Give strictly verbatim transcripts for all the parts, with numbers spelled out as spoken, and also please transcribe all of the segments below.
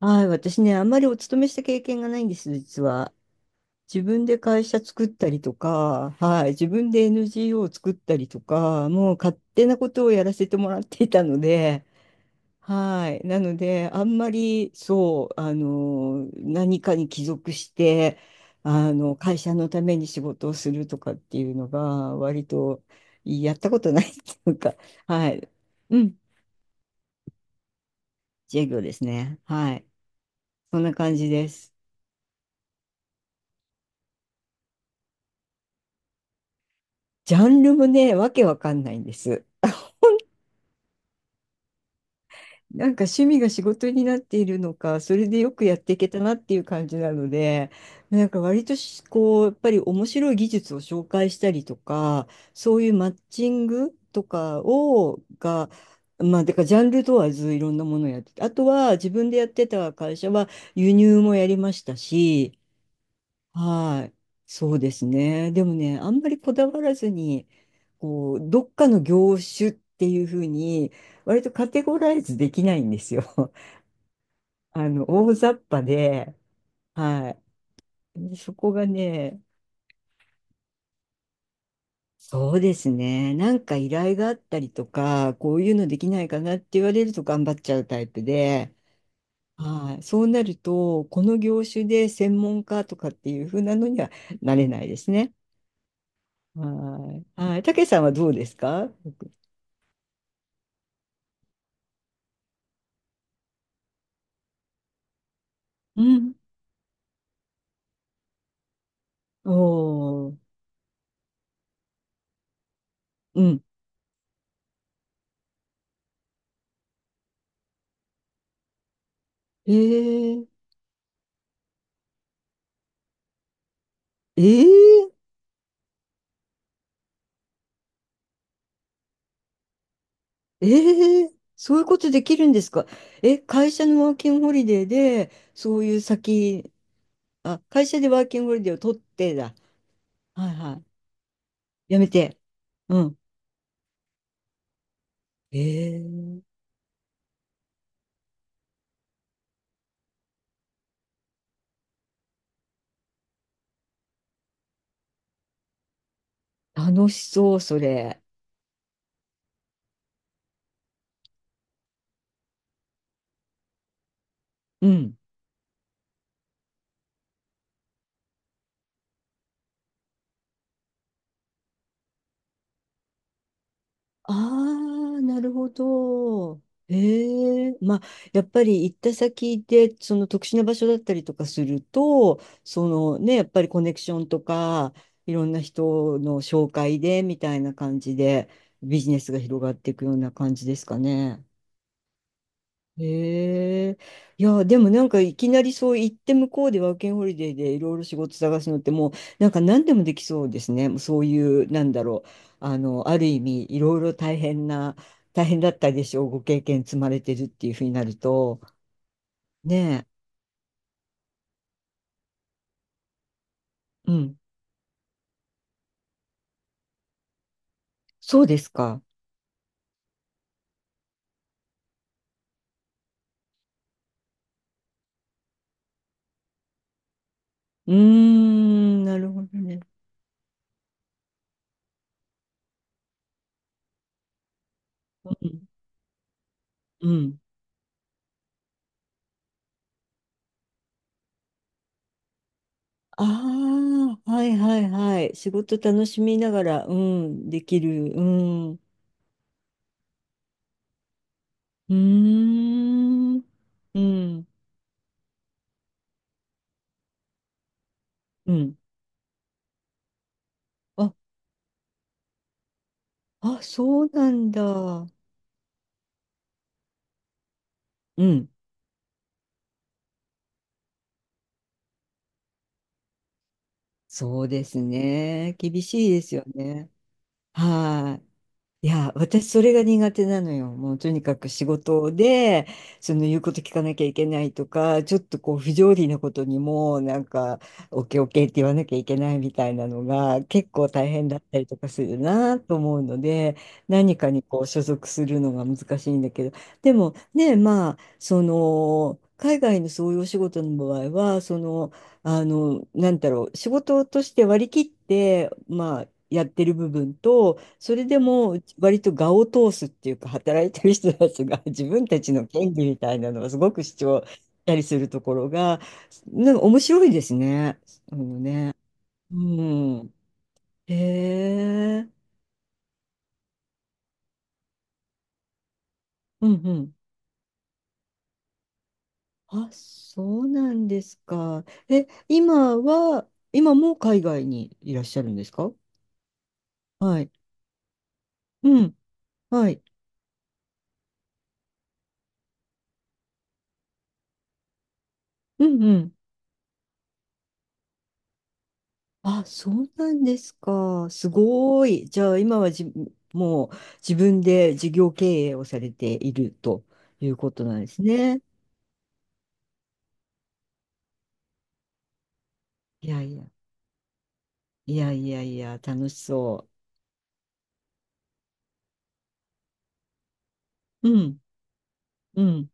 はい、私ね、あんまりお勤めした経験がないんです、実は。自分で会社作ったりとか、はい、自分で エヌジーオー を作ったりとか、もう勝手なことをやらせてもらっていたので、はい、なので、あんまり、そう、あの、何かに帰属して、あの、会社のために仕事をするとかっていうのが、割と、やったことないっていうか、はい、うん、自営業ですね。はい、そんな感じです。ジャンルもね、わけわかんないんです。なんか趣味が仕事になっているのか、それでよくやっていけたなっていう感じなので、なんか割としこう、やっぱり面白い技術を紹介したりとか、そういうマッチングとかを、が、まあ、だからジャンル問わずいろんなものをやってて、あとは自分でやってた会社は輸入もやりましたし、はい。そうですね。でもね、あんまりこだわらずに、こう、どっかの業種っていうふうに、割とカテゴライズできないんですよ。あの、大雑把で、はい。でそこがね、そうですね。なんか依頼があったりとか、こういうのできないかなって言われると頑張っちゃうタイプで、はい。そうなると、この業種で専門家とかっていうふうなのにはなれないですね。はい。はい。たけさんはどうですか？うん。おー。うん。ええええええ、そういうことできるんですか？え、会社のワーキングホリデーで、そういう先、あ、会社でワーキングホリデーを取ってだ。はいはい。やめて。うん。ええ、楽しそう、それ。うん。ああ、なるほど。ええ、まあ、やっぱり行った先で、その特殊な場所だったりとかすると、そのね、やっぱりコネクションとか、いろんな人の紹介で、みたいな感じで、ビジネスが広がっていくような感じですかね。へえ。いや、でもなんかいきなりそう行って向こうでワーキングホリデーでいろいろ仕事探すのってもうなんか何でもできそうですね。もうそういう、なんだろう。あの、ある意味いろいろ大変な、大変だったでしょう。ご経験積まれてるっていうふうになると。ねえ。うん。そうですか。うーん、なるほどね。うん。うん。ああ、はいはいはい。仕事楽しみながら、うん、できる。うん。うーん。うん。うん。あ、あ、そうなんだ。うん。そうですね。厳しいですよね。はい。いや、私それが苦手なのよ。もうとにかく仕事で、その言うこと聞かなきゃいけないとか、ちょっとこう不条理なことにも、なんか、オッケーオッケーって言わなきゃいけないみたいなのが結構大変だったりとかするなと思うので、何かにこう所属するのが難しいんだけど、でもね、まあ、その、海外のそういうお仕事の場合は、その、あの、なんだろう、仕事として割り切って、まあ、やってる部分と、それでも割と我を通すっていうか働いてる人たちが 自分たちの権利みたいなのをすごく主張したりするところがなんか面白いですね。あのね。うん。へえ。うんうん。あ、そうなんですか。え、今は、今も海外にいらっしゃるんですか？はい。うん。はい。うんうん。あ、そうなんですか。すごい。じゃあ、今はじ、もう自分で事業経営をされているということなんですね。いやいや、いやいやいや、楽しそう。うん、うん、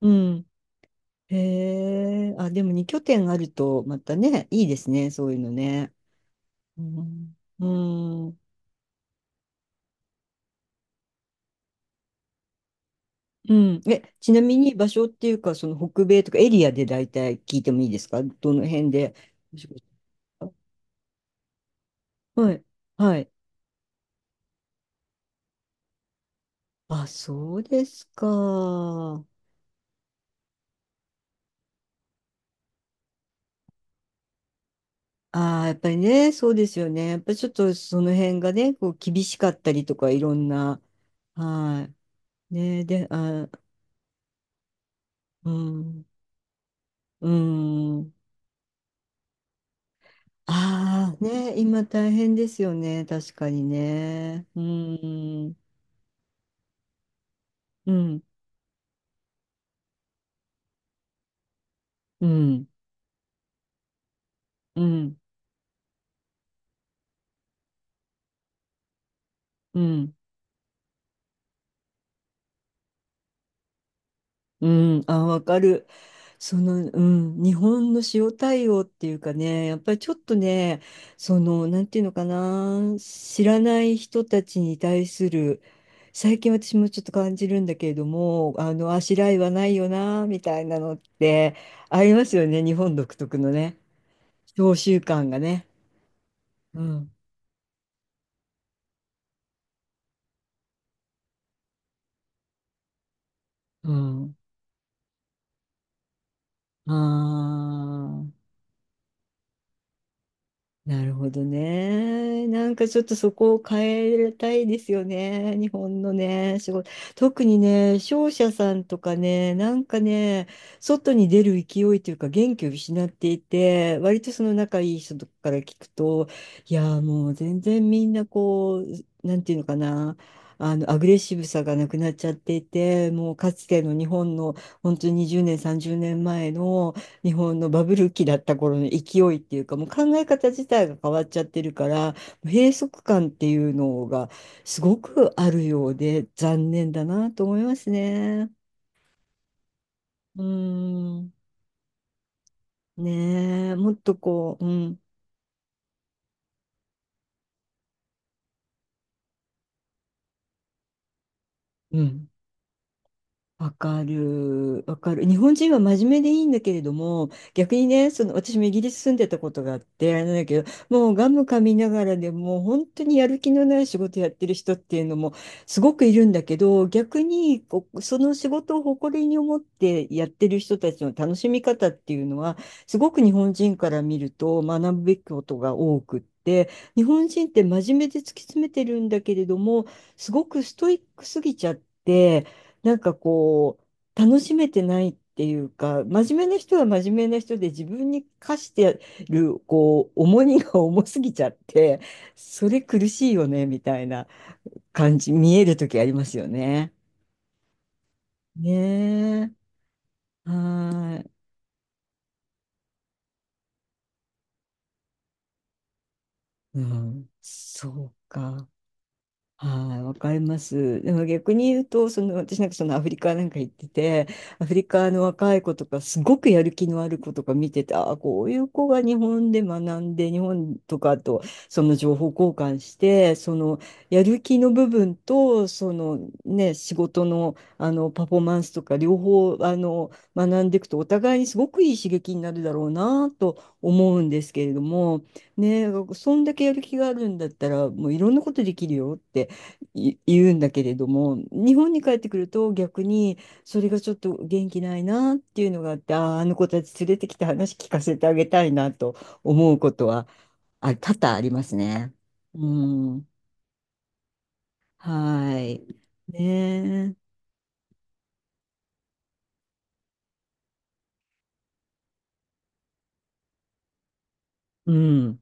うん。へえ、あ、でもに拠点あると、またね、いいですね、そういうのね。うん、うん、うん。え、ちなみに場所っていうか、その北米とかエリアで大体聞いてもいいですか？どの辺でお仕事。はい。はい。あ、そうですか。ああ、やっぱりね、そうですよね。やっぱりちょっとその辺がね、こう厳しかったりとか、いろんな、はい。ね、で、あ、うん、うん。ああ、ね、今大変ですよね。確かにね。うん、うん、うん、うん、うん。うん、あ、わかる。その、うん、日本の塩対応っていうかね、やっぱりちょっとね、その、なんていうのかな、知らない人たちに対する、最近私もちょっと感じるんだけれども、あの、あしらいはないよな、みたいなのって、ありますよね、日本独特のね、召集感がね。うん、うん、ああ、なるほどね。なんかちょっとそこを変えたいですよね。日本のね、仕事。特にね、商社さんとかね、なんかね、外に出る勢いというか元気を失っていて、割とその仲いい人とかから聞くと、いやー、もう全然みんなこう、なんていうのかな。あのアグレッシブさがなくなっちゃっていてもうかつての日本の本当ににじゅうねんさんじゅうねんまえの日本のバブル期だった頃の勢いっていうか、もう考え方自体が変わっちゃってるから、閉塞感っていうのがすごくあるようで残念だなと思いますね。うーん。ねえ、もっとこう、うん。うん、わかる、わかる。日本人は真面目でいいんだけれども、逆にね、その私もイギリス住んでたことがあって、あれなんだけど、もうガム噛みながらでもう本当にやる気のない仕事やってる人っていうのもすごくいるんだけど、逆にこうその仕事を誇りに思ってやってる人たちの楽しみ方っていうのは、すごく日本人から見ると学ぶべきことが多くって、日本人って真面目で突き詰めてるんだけれども、すごくストイックすぎちゃって、なんかこう、楽しめてないっていうか、真面目な人は真面目な人で自分に課してる、こう、重荷が重すぎちゃって、それ苦しいよね、みたいな感じ、見える時ありますよね。ねえ。はーい。うん。そうか。はい、わかります。でも逆に言うと、その私なんかそのアフリカなんか行ってて、アフリカの若い子とか、すごくやる気のある子とか見てて、ああ、こういう子が日本で学んで、日本とかとその情報交換して、そのやる気の部分と、そのね、仕事の、あのパフォーマンスとか、両方あの学んでいくと、お互いにすごくいい刺激になるだろうなと思うんですけれども、ね、そんだけやる気があるんだったら、もういろんなことできるよって。い言うんだけれども、日本に帰ってくると逆にそれがちょっと元気ないなっていうのがあって、ああ、あの子たち連れてきて話聞かせてあげたいなと思うことは、あ、多々ありますね。うん。はい。ねえ。うん。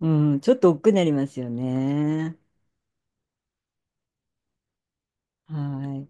うん。ちょっと億劫になりますよね。はい。